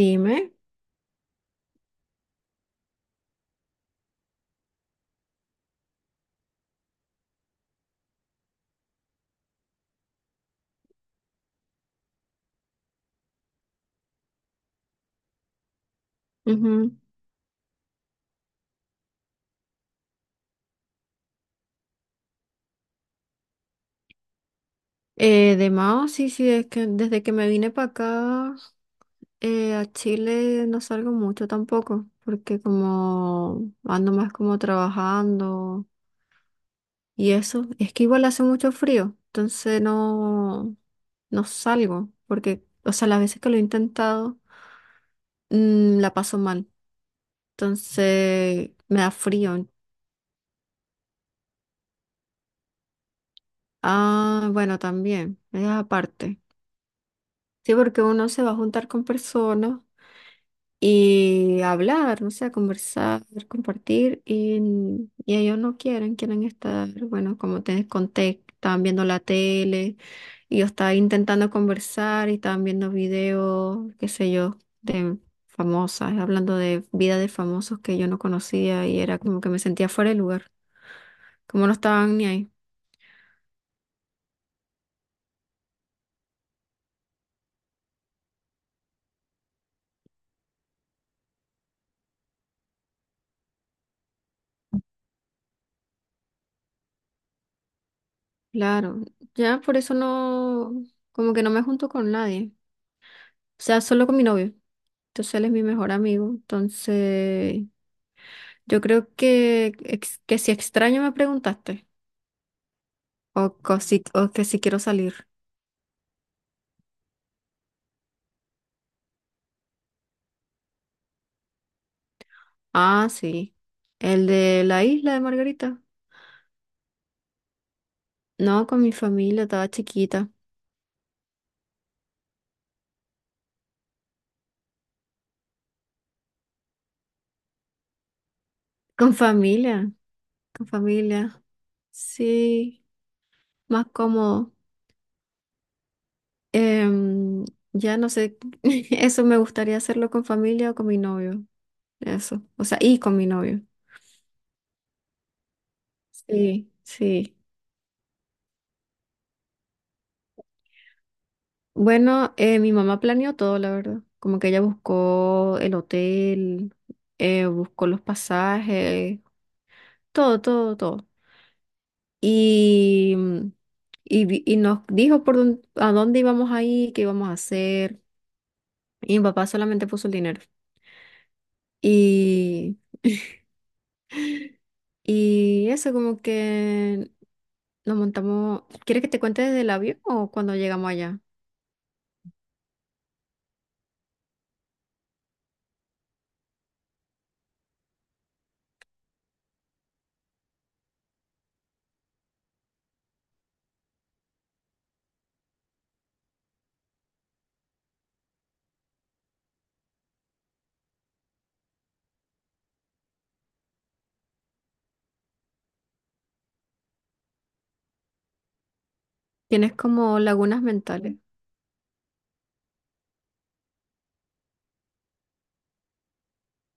Dime, ujú. De Mao, sí, sí, es que desde que me vine para acá a Chile no salgo mucho tampoco, porque como ando más como trabajando y eso, es que igual hace mucho frío, entonces no, no salgo, porque, o sea, las veces que lo he intentado la paso mal. Entonces me da frío. Ah, bueno, también, es aparte. Sí, porque uno se va a juntar con personas y hablar, no sé, conversar, compartir, y ellos no quieren, quieren estar, bueno, como te conté, estaban viendo la tele, y yo estaba intentando conversar y estaban viendo videos, qué sé yo, de famosas, hablando de vida de famosos que yo no conocía y era como que me sentía fuera de lugar, como no estaban ni ahí. Claro, ya por eso no, como que no me junto con nadie. O sea, solo con mi novio. Entonces él es mi mejor amigo. Entonces, yo creo que si extraño me preguntaste. O que si quiero salir. Ah, sí. El de la Isla de Margarita. No, con mi familia, estaba chiquita. Con familia, con familia. Sí, más cómodo. Em, ya no sé, eso me gustaría hacerlo con familia o con mi novio. Eso. O sea, y con mi novio. Sí, sí. Bueno, mi mamá planeó todo, la verdad. Como que ella buscó el hotel, buscó los pasajes, todo, todo, todo. Y, mm, y nos dijo a dónde íbamos a ir, qué íbamos a hacer. Y mi papá solamente puso el dinero. Y, y eso, como que nos montamos. ¿Quieres que te cuente desde el avión o cuando llegamos allá? Tienes como lagunas mentales.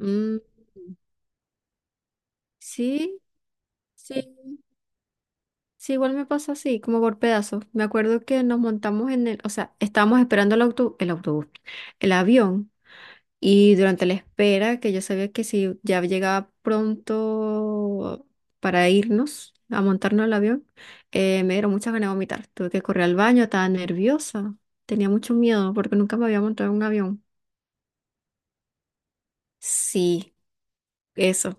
Mm, sí, sí. Sí, igual me pasa así, como por pedazos. Me acuerdo que nos montamos en el, o sea, estábamos esperando el auto, el autobús, el avión, y durante la espera, que yo sabía que si ya llegaba pronto para irnos a montarnos al avión, me dieron muchas ganas de vomitar. Tuve que correr al baño, estaba nerviosa, tenía mucho miedo porque nunca me había montado en un avión. Sí, eso.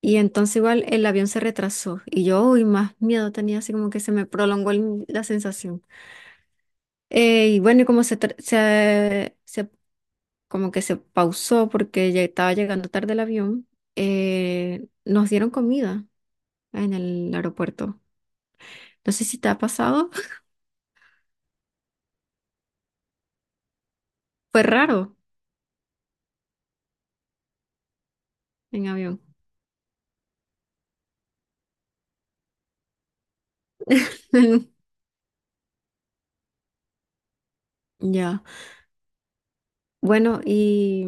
Y entonces igual el avión se retrasó y yo, uy, más miedo tenía, así como que se me prolongó la sensación. Y bueno, y como se, tra- se- como que se pausó porque ya estaba llegando tarde el avión, nos dieron comida en el aeropuerto. No sé si te ha pasado. Fue raro en avión. Ya. Bueno, y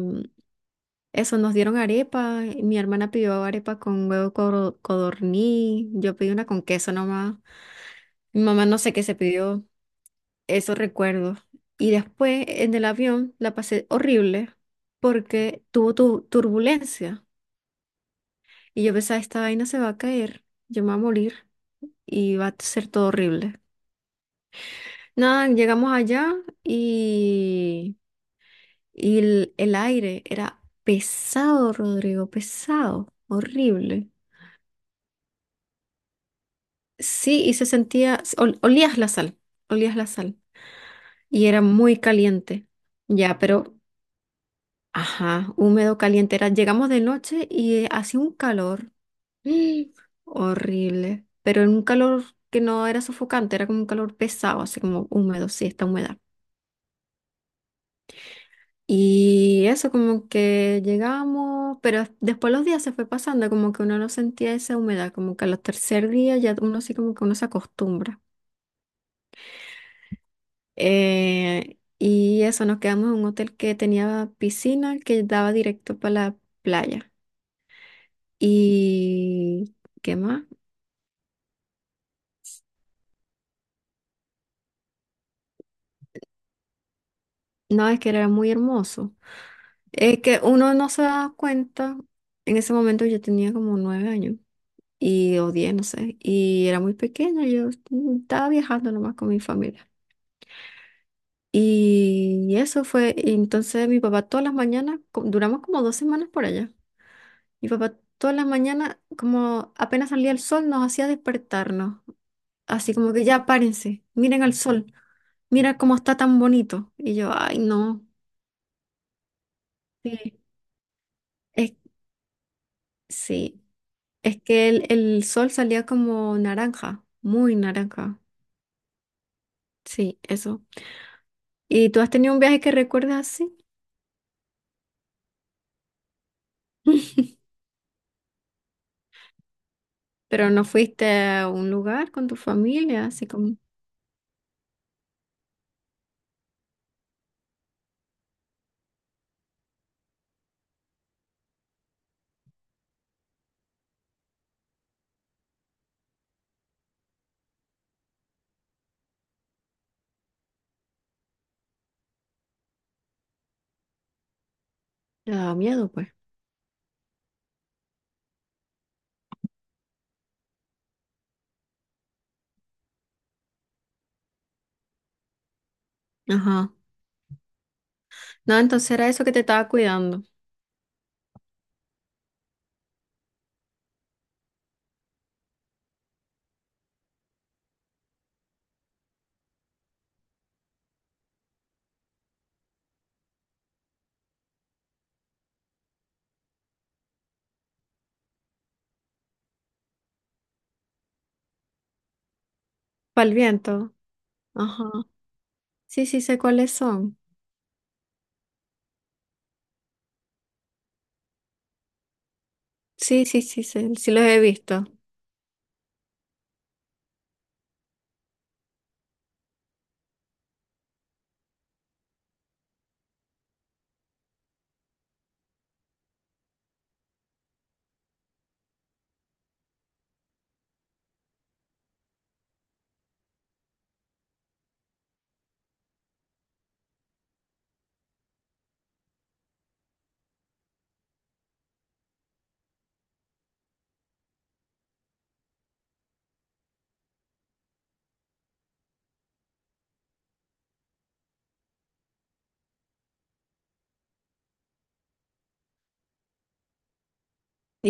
eso, nos dieron arepa. Y mi hermana pidió arepa con huevo codorniz. Yo pedí una con queso nomás. Mi mamá no sé qué se pidió. Eso recuerdo. Y después en el avión la pasé horrible porque tuvo tu turbulencia y yo pensaba, esta vaina se va a caer, yo me voy a morir y va a ser todo horrible. Nada, llegamos allá y, y el aire era pesado, Rodrigo, pesado, horrible. Sí, y se sentía, olías la sal y era muy caliente. Ya, pero ajá, húmedo, caliente era. Llegamos de noche y hacía un calor ¡ih! Horrible, pero era un calor que no era sofocante, era como un calor pesado, así como húmedo, sí, está humedad. Y eso como que llegamos, pero después los días se fue pasando, como que uno no sentía esa humedad, como que a los tercer día ya uno sí como que uno se acostumbra. Y eso, nos quedamos en un hotel que tenía piscina que daba directo para la playa. ¿Y qué más? No, es que era muy hermoso. Es que uno no se da cuenta. En ese momento yo tenía como 9 años y o 10, no sé. Y era muy pequeña. Yo estaba viajando nomás con mi familia. Y eso fue. Y entonces mi papá todas las mañanas, duramos como 2 semanas por allá. Mi papá todas las mañanas, como apenas salía el sol, nos hacía despertarnos. Así como que ya párense, miren al sol, mira cómo está tan bonito. Y yo, ay, no. Sí. Es, sí. Es que el sol salía como naranja, muy naranja. Sí, eso. ¿Y tú has tenido un viaje que recuerdas así? Pero no fuiste a un lugar con tu familia, así como te daba miedo, pues. Ajá. No, entonces era eso que te estaba cuidando. Para el viento. Ajá. Sí, sí sé cuáles son. Sí, sí, sí, sé, sí los he visto.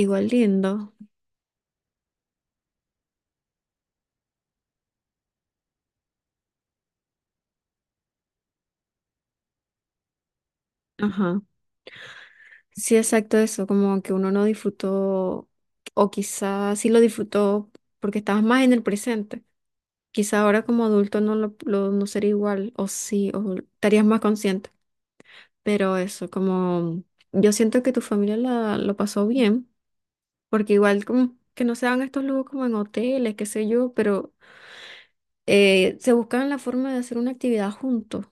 Igual lindo. Ajá. Sí, exacto eso, como que uno no disfrutó, o quizás sí lo disfrutó porque estabas más en el presente. Quizá ahora como adulto no no sería igual, o sí, o estarías más consciente. Pero eso, como yo siento que tu familia lo pasó bien, porque igual como que no se dan estos lujos como en hoteles, qué sé yo, pero se buscaban la forma de hacer una actividad juntos.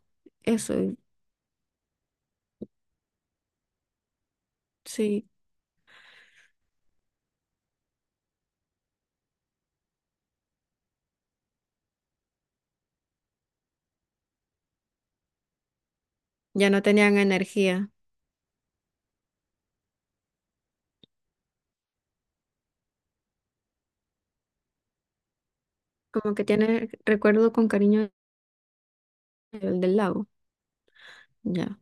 Eso, y sí, ya no tenían energía. Como que tiene recuerdo con cariño el del lago, ya.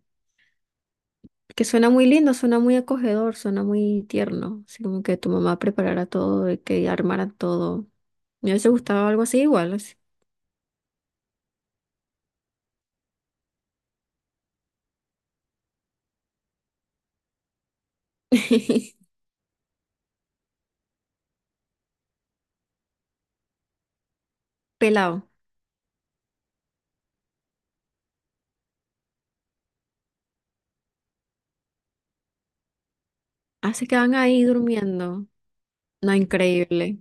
Que suena muy lindo, suena muy acogedor, suena muy tierno, así como que tu mamá preparara todo y que armara todo. Me hubiese gustado algo así igual, así. Pelado. Así quedan ahí durmiendo. No, increíble.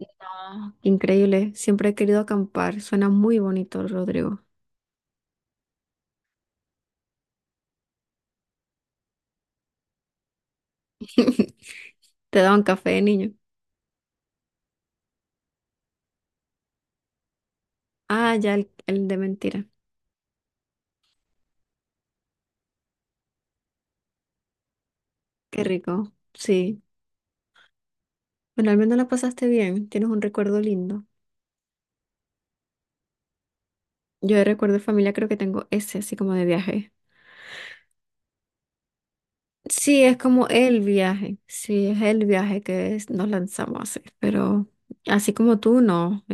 No, increíble. Siempre he querido acampar. Suena muy bonito, Rodrigo. Te daban café niño. Ah, ya el de mentira. Qué rico. Sí. Bueno, al menos la pasaste bien. Tienes un recuerdo lindo. Yo de recuerdo de familia creo que tengo ese, así como de viaje. Sí, es como el viaje. Sí, es el viaje que nos lanzamos a hacer. Pero así como tú, no.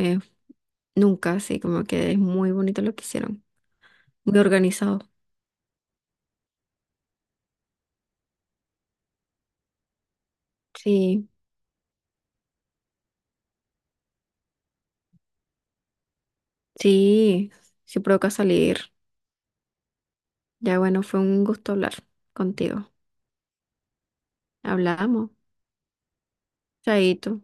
Nunca, sí, como que es muy bonito lo que hicieron. Muy organizado. Sí, sí, sí provoca salir. Ya bueno, fue un gusto hablar contigo. Hablamos. Chaito.